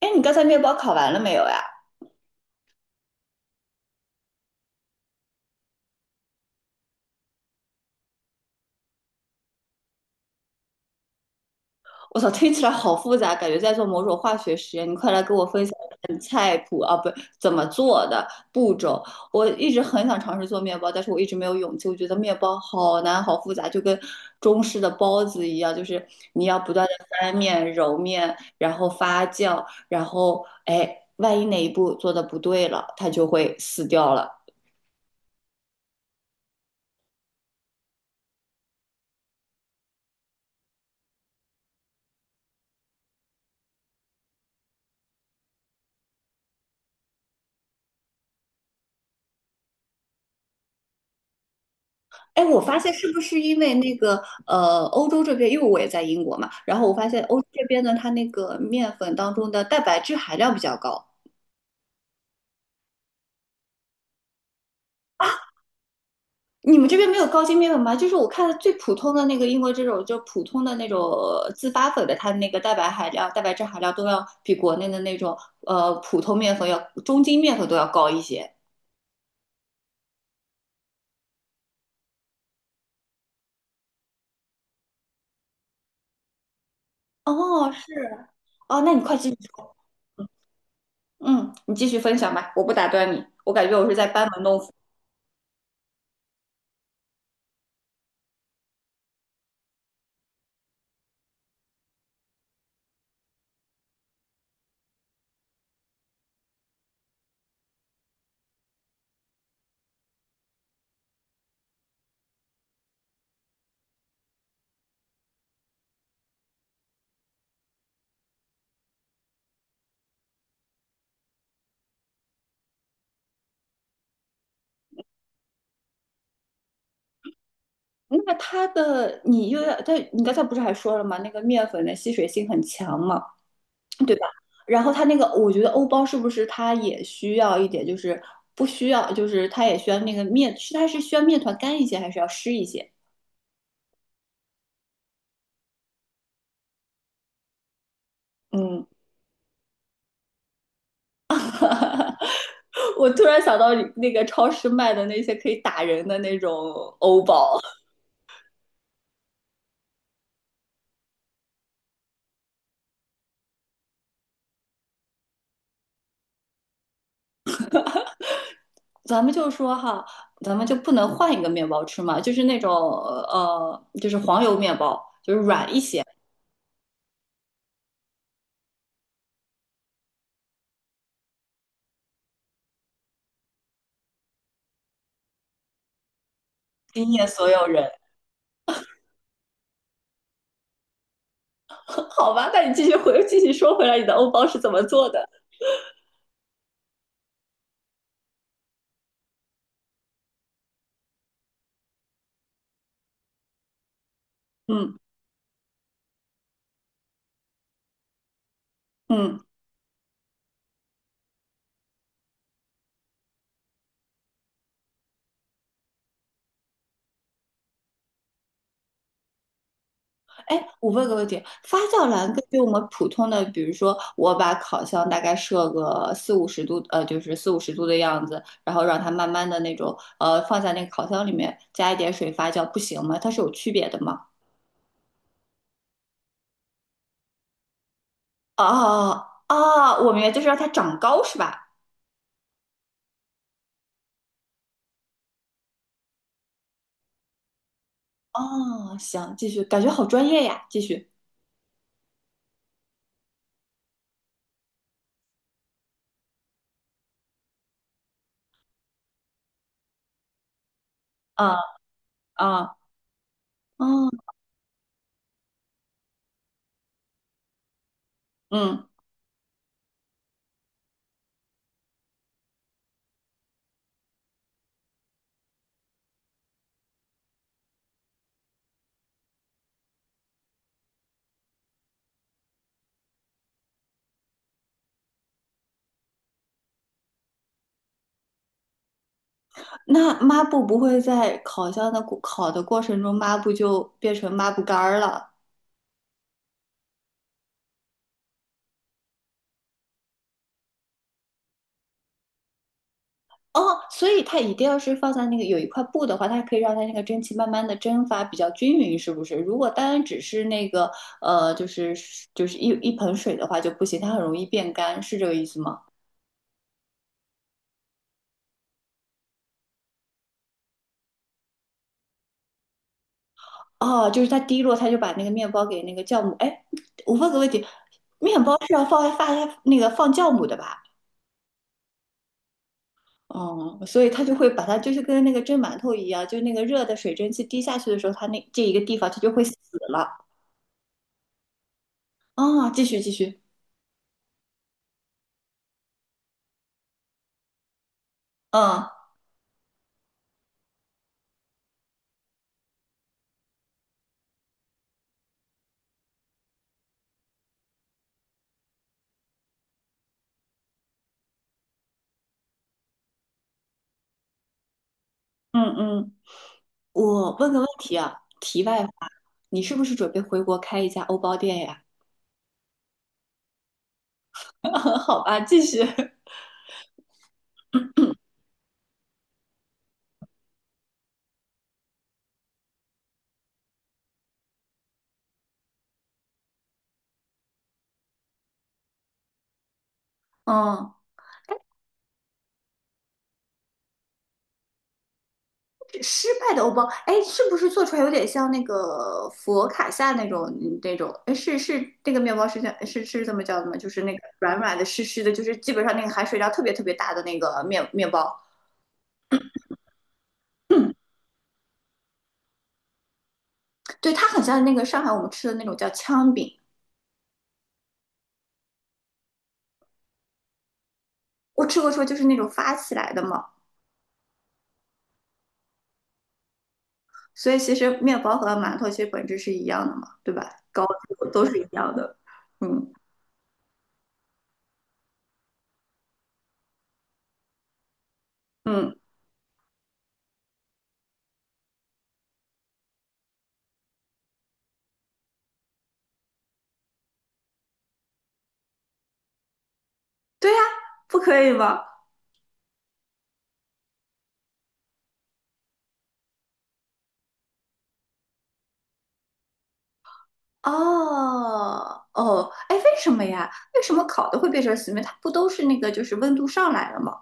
哎，你刚才面包烤完了没有呀？我操，听起来好复杂，感觉在做某种化学实验。你快来给我分享一下你菜谱啊，不，怎么做的步骤。我一直很想尝试做面包，但是我一直没有勇气。我觉得面包好难，好复杂，就跟中式的包子一样，就是你要不断的翻面、揉面，然后发酵，然后哎，万一哪一步做的不对了，它就会死掉了。哎，我发现是不是因为那个欧洲这边，因为我也在英国嘛，然后我发现欧洲这边呢，它那个面粉当中的蛋白质含量比较高。你们这边没有高筋面粉吗？就是我看的最普通的那个英国这种，就普通的那种自发粉的，它的那个蛋白含量、蛋白质含量都要比国内的那种普通面粉要中筋面粉都要高一些。哦，是哦，那你快继续说，嗯，你继续分享吧，我不打断你，我感觉我是在班门弄斧。那它的你又要，它你刚才不是还说了吗？那个面粉的吸水性很强嘛，对吧？然后它那个，我觉得欧包是不是它也需要一点，就是不需要，就是它也需要那个面，是它是需要面团干一些，还是要湿一些？嗯，我突然想到那个超市卖的那些可以打人的那种欧包，咱们就说哈，咱们就不能换一个面包吃嘛？就是那种就是黄油面包，就是软一些，惊艳所有人。好吧，那你继续回，继续说回来，你的欧包是怎么做的？嗯嗯，哎，我问个问题，发酵篮根据我们普通的，比如说我把烤箱大概设个四五十度，就是四五十度的样子，然后让它慢慢的那种，放在那个烤箱里面，加一点水发酵，不行吗？它是有区别的吗？哦哦，我明白，就是让它长高是吧？哦，行，继续，感觉好专业呀，继续。啊啊，嗯嗯。那抹布不会在烤箱的过烤的过程中，抹布就变成抹布干儿了。哦，所以它一定要是放在那个有一块布的话，它可以让它那个蒸汽慢慢的蒸发比较均匀，是不是？如果单只是那个就是就是一盆水的话就不行，它很容易变干，是这个意思吗？哦，就是它滴落，它就把那个面包给那个酵母。哎，我问个问题，面包是要放那个放酵母的吧？哦，所以它就会把它就是跟那个蒸馒头一样，就那个热的水蒸气滴下去的时候，它那这一个地方它就会死了。啊、继续继续，嗯嗯嗯，我问个问题啊，题外话，你是不是准备回国开一家欧包店呀？好吧，继续。嗯，失败的欧包，哎，是不是做出来有点像那个佛卡夏那种嗯那种？哎，是是那个面包是叫是是这么叫的吗？就是那个软软的、湿湿的，就是基本上那个含水量特别特别大的那个面面包。对，它很像那个上海我们吃的那种叫糠饼，我吃过说就是那种发起来的嘛，所以其实面包和馒头其实本质是一样的嘛，对吧？高度都是一样的，嗯嗯，对呀，不可以吗？哦哦，哎，为什么呀？为什么烤的会变成死面？它不都是那个就是温度上来了吗？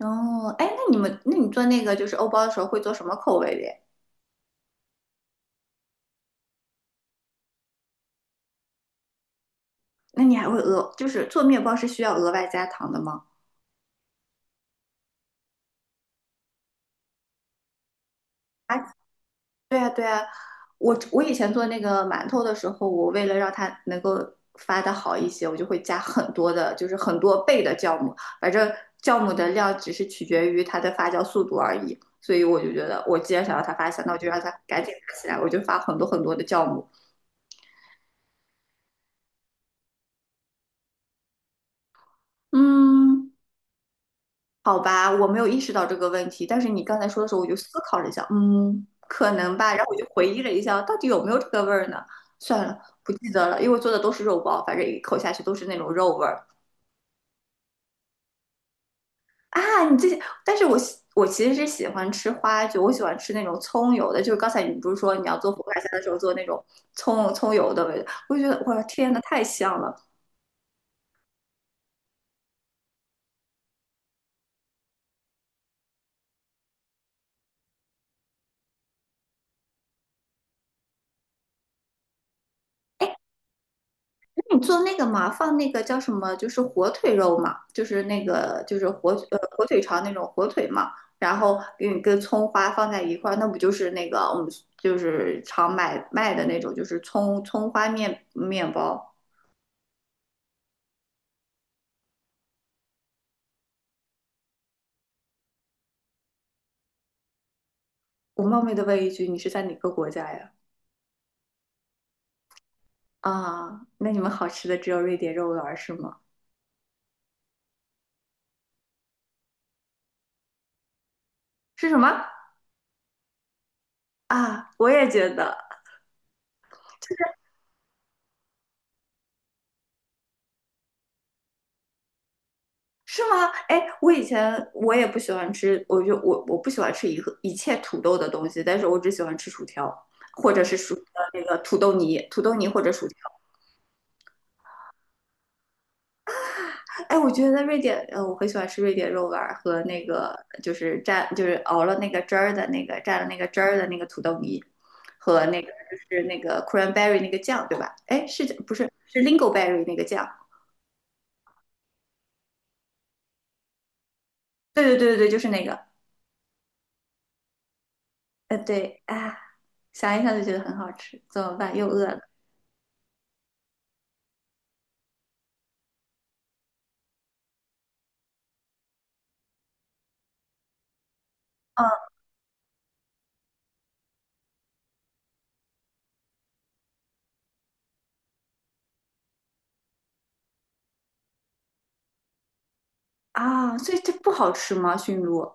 哦，哎，那你们，那你做那个就是欧包的时候会做什么口味的呀？那你还会额，就是做面包是需要额外加糖的吗？对呀，对呀，我以前做那个馒头的时候，我为了让它能够发的好一些，我就会加很多的，就是很多倍的酵母。反正酵母的量只是取决于它的发酵速度而已，所以我就觉得，我既然想要它发酵，那我就让它赶紧发起来，我就发很多很多的酵母。嗯，好吧，我没有意识到这个问题，但是你刚才说的时候，我就思考了一下，嗯，可能吧。然后我就回忆了一下，到底有没有这个味儿呢？算了，不记得了，因为我做的都是肉包，反正一口下去都是那种肉味儿啊。你这些，但是我喜我其实是喜欢吃花卷，我喜欢吃那种葱油的。就是刚才你不是说你要做佛卡夏的时候做那种葱葱油的味道，我就觉得哇，天呐，太香了。你做那个嘛，放那个叫什么，就是火腿肉嘛，就是那个就是火火腿肠那种火腿嘛，然后给你跟葱花放在一块儿，那不就是那个我们就是常买卖的那种，就是葱葱花面面包。我冒昧的问一句，你是在哪个国家呀？啊，那你们好吃的只有瑞典肉丸儿是吗？是什么？啊，我也觉得。是吗？哎，我以前我也不喜欢吃，我就我不喜欢吃一个一切土豆的东西，但是我只喜欢吃薯条，或者是薯那个土豆泥，土豆泥或者薯条。哎，我觉得瑞典，我很喜欢吃瑞典肉丸儿和那个就是蘸就是熬了那个汁儿的那个蘸了那个汁儿的那个土豆泥，和那个就是那个 cranberry 那个酱，对吧？哎，是不是是 lingonberry 那个酱？对对对对对，就是那个，对啊，想一想就觉得很好吃，怎么办？又饿了。哦啊，所以这不好吃吗？驯鹿？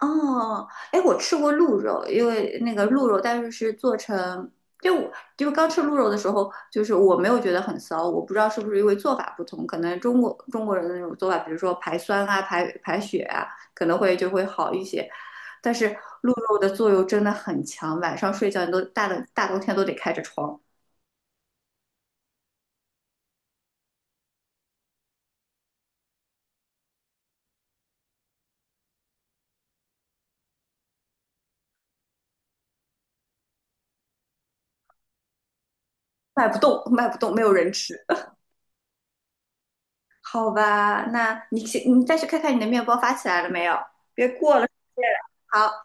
哦，哎，我吃过鹿肉，因为那个鹿肉，但是是做成，就我就刚吃鹿肉的时候，就是我没有觉得很骚，我不知道是不是因为做法不同，可能中国人的那种做法，比如说排酸啊、排排血啊，可能会就会好一些。但是鹿肉的作用真的很强，晚上睡觉你都大的大冬天都得开着窗，卖不动，卖不动，没有人吃。好吧，那你去，你再去看看你的面包发起来了没有，别过了时间了。好。